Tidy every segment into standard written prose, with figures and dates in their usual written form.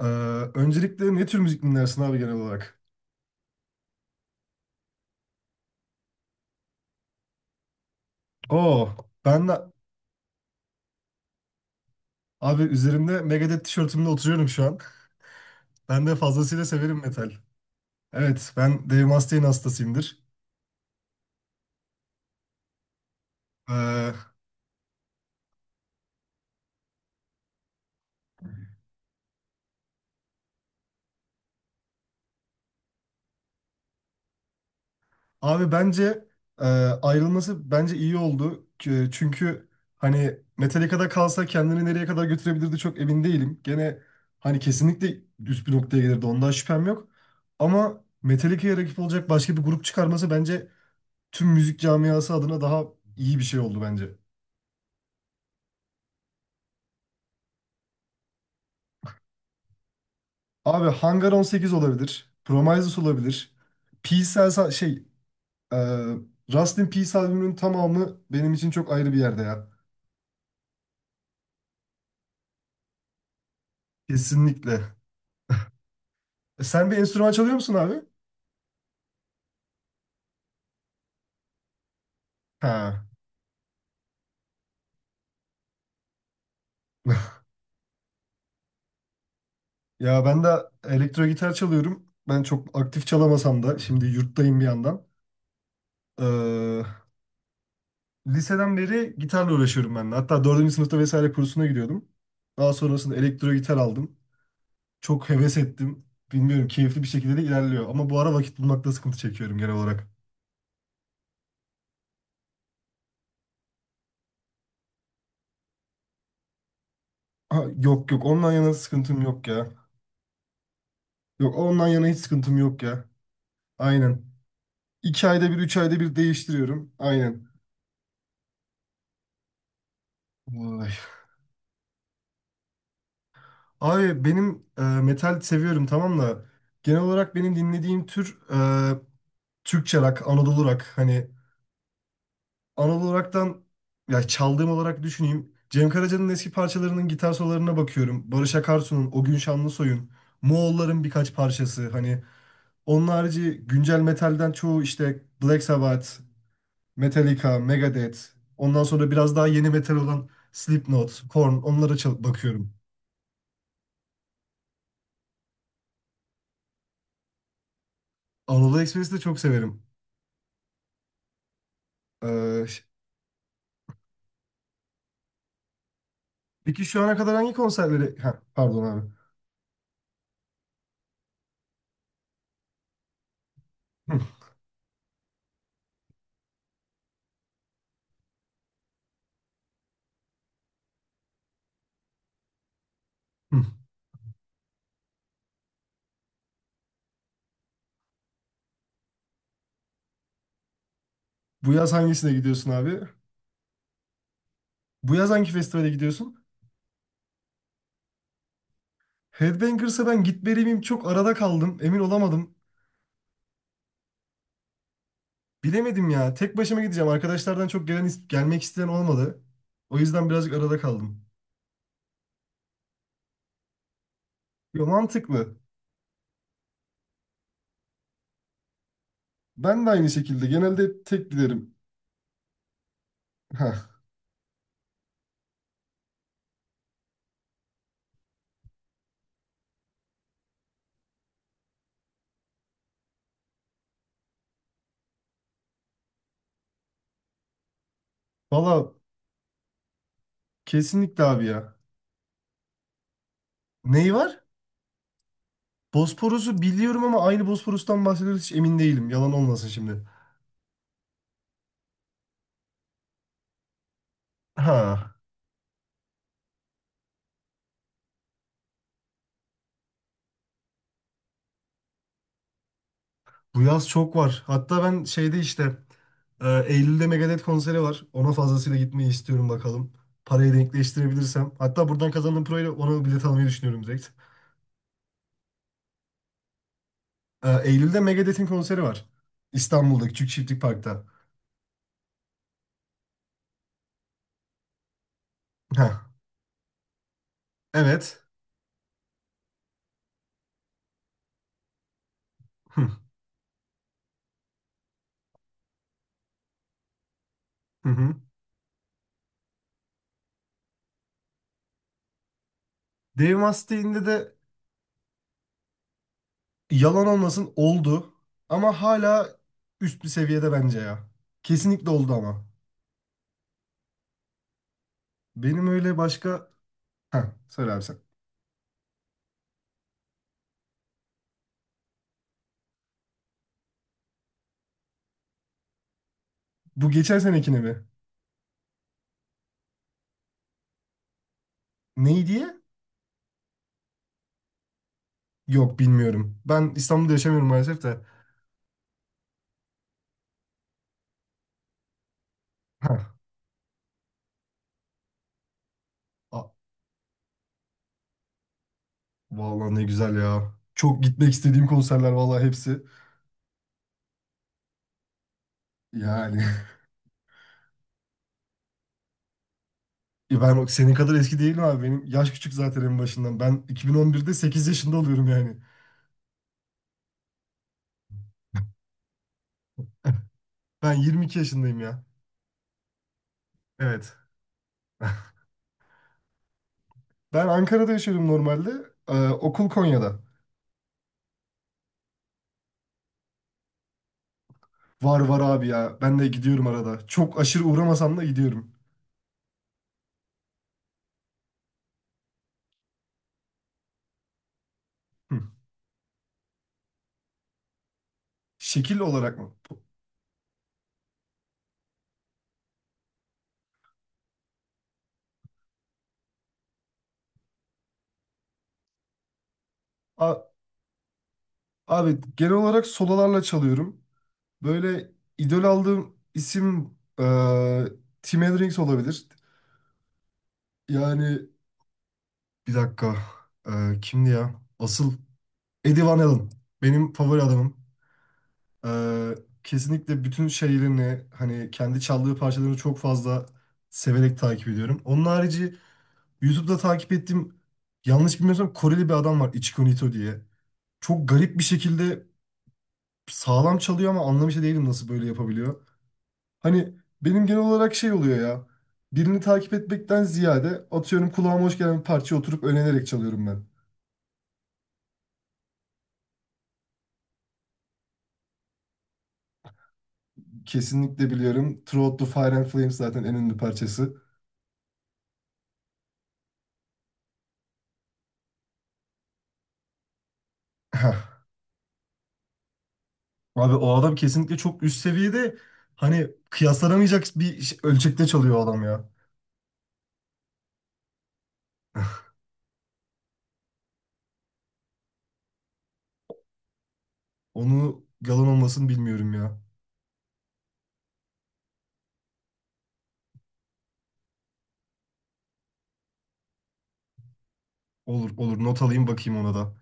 Ee, öncelikle ne tür müzik dinlersin abi genel olarak? Oo, ben de abi üzerimde Megadeth tişörtümle oturuyorum şu an. Ben de fazlasıyla severim metal. Evet, ben Dave Mustaine hastasıyımdır. Ee, abi bence e, ayrılması bence iyi oldu. Çünkü hani Metallica'da kalsa kendini nereye kadar götürebilirdi çok emin değilim. Gene hani kesinlikle üst bir noktaya gelirdi ondan şüphem yok. Ama Metallica'ya rakip olacak başka bir grup çıkarması bence tüm müzik camiası adına daha iyi bir şey oldu bence. Abi Hangar 18 olabilir. Promises olabilir. Peace Cells- şey e, Rust in Peace albümünün tamamı benim için çok ayrı bir yerde ya. Kesinlikle. Sen bir enstrüman çalıyor musun abi? Ha. Ya ben de elektro gitar çalıyorum. Ben çok aktif çalamasam da şimdi yurttayım bir yandan. Ee, liseden beri gitarla uğraşıyorum ben de. Hatta dördüncü sınıfta vesaire kursuna gidiyordum. Daha sonrasında elektro gitar aldım. Çok heves ettim. Bilmiyorum keyifli bir şekilde de ilerliyor. Ama bu ara vakit bulmakta sıkıntı çekiyorum genel olarak. Ha, yok yok ondan yana sıkıntım yok ya. Yok ondan yana hiç sıkıntım yok ya. Aynen. İki ayda bir, üç ayda bir değiştiriyorum. Aynen. Vay. Abi benim metal seviyorum tamam da genel olarak benim dinlediğim tür Türkçe rock, Anadolu rock. Hani Anadolu olaraktan ya çaldığım olarak düşüneyim. Cem Karaca'nın eski parçalarının gitar sololarına bakıyorum. Barış Akarsu'nun, O Gün Şanlısoy'un, Moğolların birkaç parçası. Hani onun harici güncel metalden çoğu işte Black Sabbath, Metallica, Megadeth. Ondan sonra biraz daha yeni metal olan Slipknot, Korn onlara bakıyorum. Anadolu Express'i de çok severim. Ee, peki şu ana kadar hangi konserleri... Ha, pardon abi. Hı, hı. Bu yaz hangisine gidiyorsun abi? Bu yaz hangi festivale gidiyorsun? Headbangers'a ben gitmeli miyim çok arada kaldım. Emin olamadım. Bilemedim ya. Tek başıma gideceğim. Arkadaşlardan çok gelen gelmek isteyen olmadı. O yüzden birazcık arada kaldım. Yo, mantıklı. Ben de aynı şekilde. Genelde tek giderim. Heh. Valla kesinlikle abi ya. Neyi var? Bosporus'u biliyorum ama aynı Bosporus'tan bahsediyoruz hiç emin değilim. Yalan olmasın şimdi. Ha. Bu yaz çok var. Hatta ben şeyde işte Eylül'de Megadeth konseri var. Ona fazlasıyla gitmeyi istiyorum bakalım. Parayı denkleştirebilirsem. Hatta buradan kazandığım parayla ona bilet almayı düşünüyorum direkt. Eylül'de Megadeth'in konseri var. İstanbul'da Küçük Çiftlik Park'ta. Heh, evet. Hı, hı hı. Dave Mustaine'de de yalan olmasın oldu. Ama hala üst bir seviyede bence ya. Kesinlikle oldu ama. Benim öyle başka... Heh, söyle abi sen. Bu geçen senekine mi? Neydi? Yok bilmiyorum. Ben İstanbul'da yaşamıyorum maalesef de. Heh. A- Vallahi ne güzel ya. Çok gitmek istediğim konserler vallahi hepsi. Yani. Ya ben senin kadar eski değilim abi. Benim yaş küçük zaten en başından. Ben 2011'de 8 yaşında oluyorum yani. Ben 22 yaşındayım ya. Evet. Ben Ankara'da yaşıyorum normalde. Okul Konya'da. Var var abi ya. Ben de gidiyorum arada. Çok aşırı uğramasam da gidiyorum. Hı. Şekil olarak mı? A- abi genel olarak sololarla çalıyorum. Böyle idol aldığım isim e, Tim Hendrix olabilir. Yani bir dakika. Kimdi ya? Asıl Eddie Van Halen. Benim favori adamım. E, kesinlikle bütün şeylerini hani kendi çaldığı parçalarını çok fazla severek takip ediyorum. Onun harici YouTube'da takip ettiğim yanlış bilmiyorsam Koreli bir adam var Ichiko Nito diye. Çok garip bir şekilde sağlam çalıyor ama anlamış değilim nasıl böyle yapabiliyor. Hani benim genel olarak şey oluyor ya. Birini takip etmekten ziyade atıyorum kulağıma hoş gelen bir parçaya oturup öğrenerek çalıyorum ben. Kesinlikle biliyorum. Throughout the Fire and Flames zaten en ünlü parçası. Heh. Abi o adam kesinlikle çok üst seviyede hani kıyaslanamayacak bir ölçekte çalıyor o adam ya. Onu yalan olmasını bilmiyorum ya. Olur olur not alayım bakayım ona da.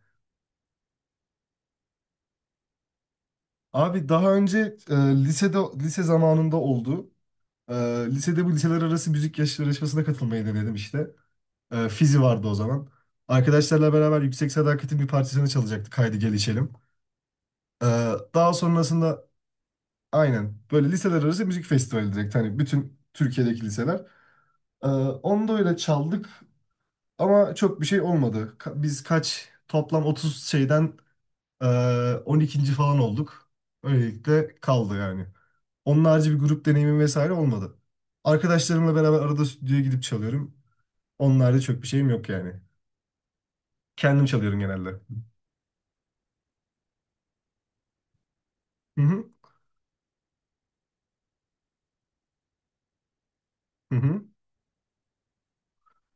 Abi daha önce lisede lise zamanında oldu. E, lisede bu liseler arası müzik yarışmasına katılmayı denedim işte. Fizi vardı o zaman. Arkadaşlarla beraber Yüksek Sadakat'in bir parçasını çalacaktık. Haydi gel içelim. E, daha sonrasında aynen böyle liseler arası müzik festivali direkt. Hani bütün Türkiye'deki liseler. E, onu da öyle çaldık ama çok bir şey olmadı. Biz kaç toplam 30 şeyden e, 12. falan olduk. Öylelikle kaldı yani. Onun harici bir grup deneyimim vesaire olmadı. Arkadaşlarımla beraber arada stüdyoya gidip çalıyorum. Onlarda çok bir şeyim yok yani. Kendim çalıyorum genelde. Hı hı. Hı hı.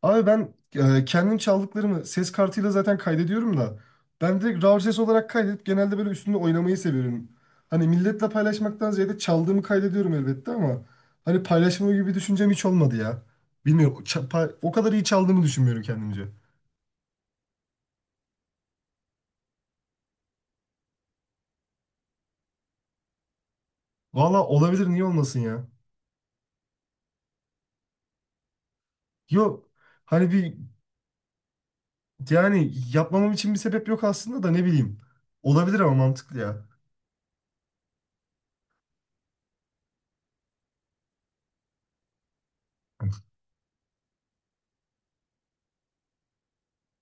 Abi ben kendim çaldıklarımı ses kartıyla zaten kaydediyorum da ben direkt RAW ses olarak kaydedip genelde böyle üstünde oynamayı seviyorum. Hani milletle paylaşmaktan ziyade çaldığımı kaydediyorum elbette ama hani paylaşma gibi bir düşüncem hiç olmadı ya. Bilmiyorum o kadar iyi çaldığımı düşünmüyorum kendimce. Valla olabilir niye olmasın ya. Yok hani bir yani yapmamam için bir sebep yok aslında da ne bileyim. Olabilir ama mantıklı ya.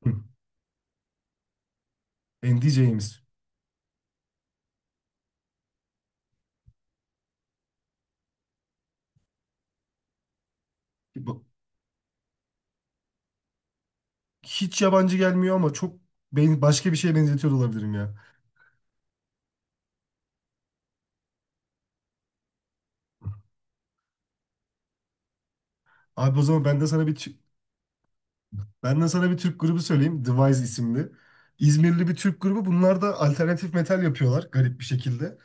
Hı. En diyeceğimiz. Hiç yabancı gelmiyor ama çok başka bir şeye benzetiyor da olabilirim ya. Abi o zaman ben de sana bir ben de sana bir Türk grubu söyleyeyim. The Wise isimli. İzmirli bir Türk grubu. Bunlar da alternatif metal yapıyorlar garip bir şekilde.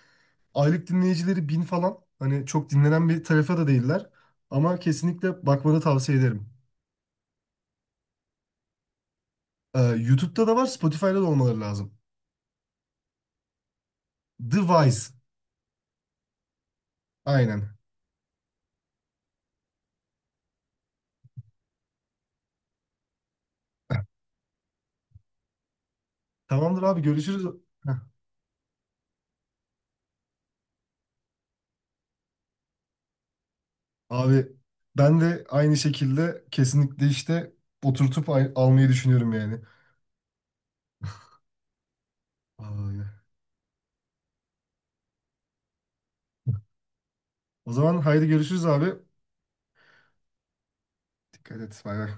Aylık dinleyicileri bin falan. Hani çok dinlenen bir tarafa da değiller. Ama kesinlikle bakmanı tavsiye ederim. YouTube'da da var, Spotify'da da olmaları lazım. The Wise. Aynen. Tamamdır abi görüşürüz. Heh. Abi ben de aynı şekilde kesinlikle işte oturtup almayı düşünüyorum yani. Ay. O zaman haydi görüşürüz abi. Dikkat et. Bay bay.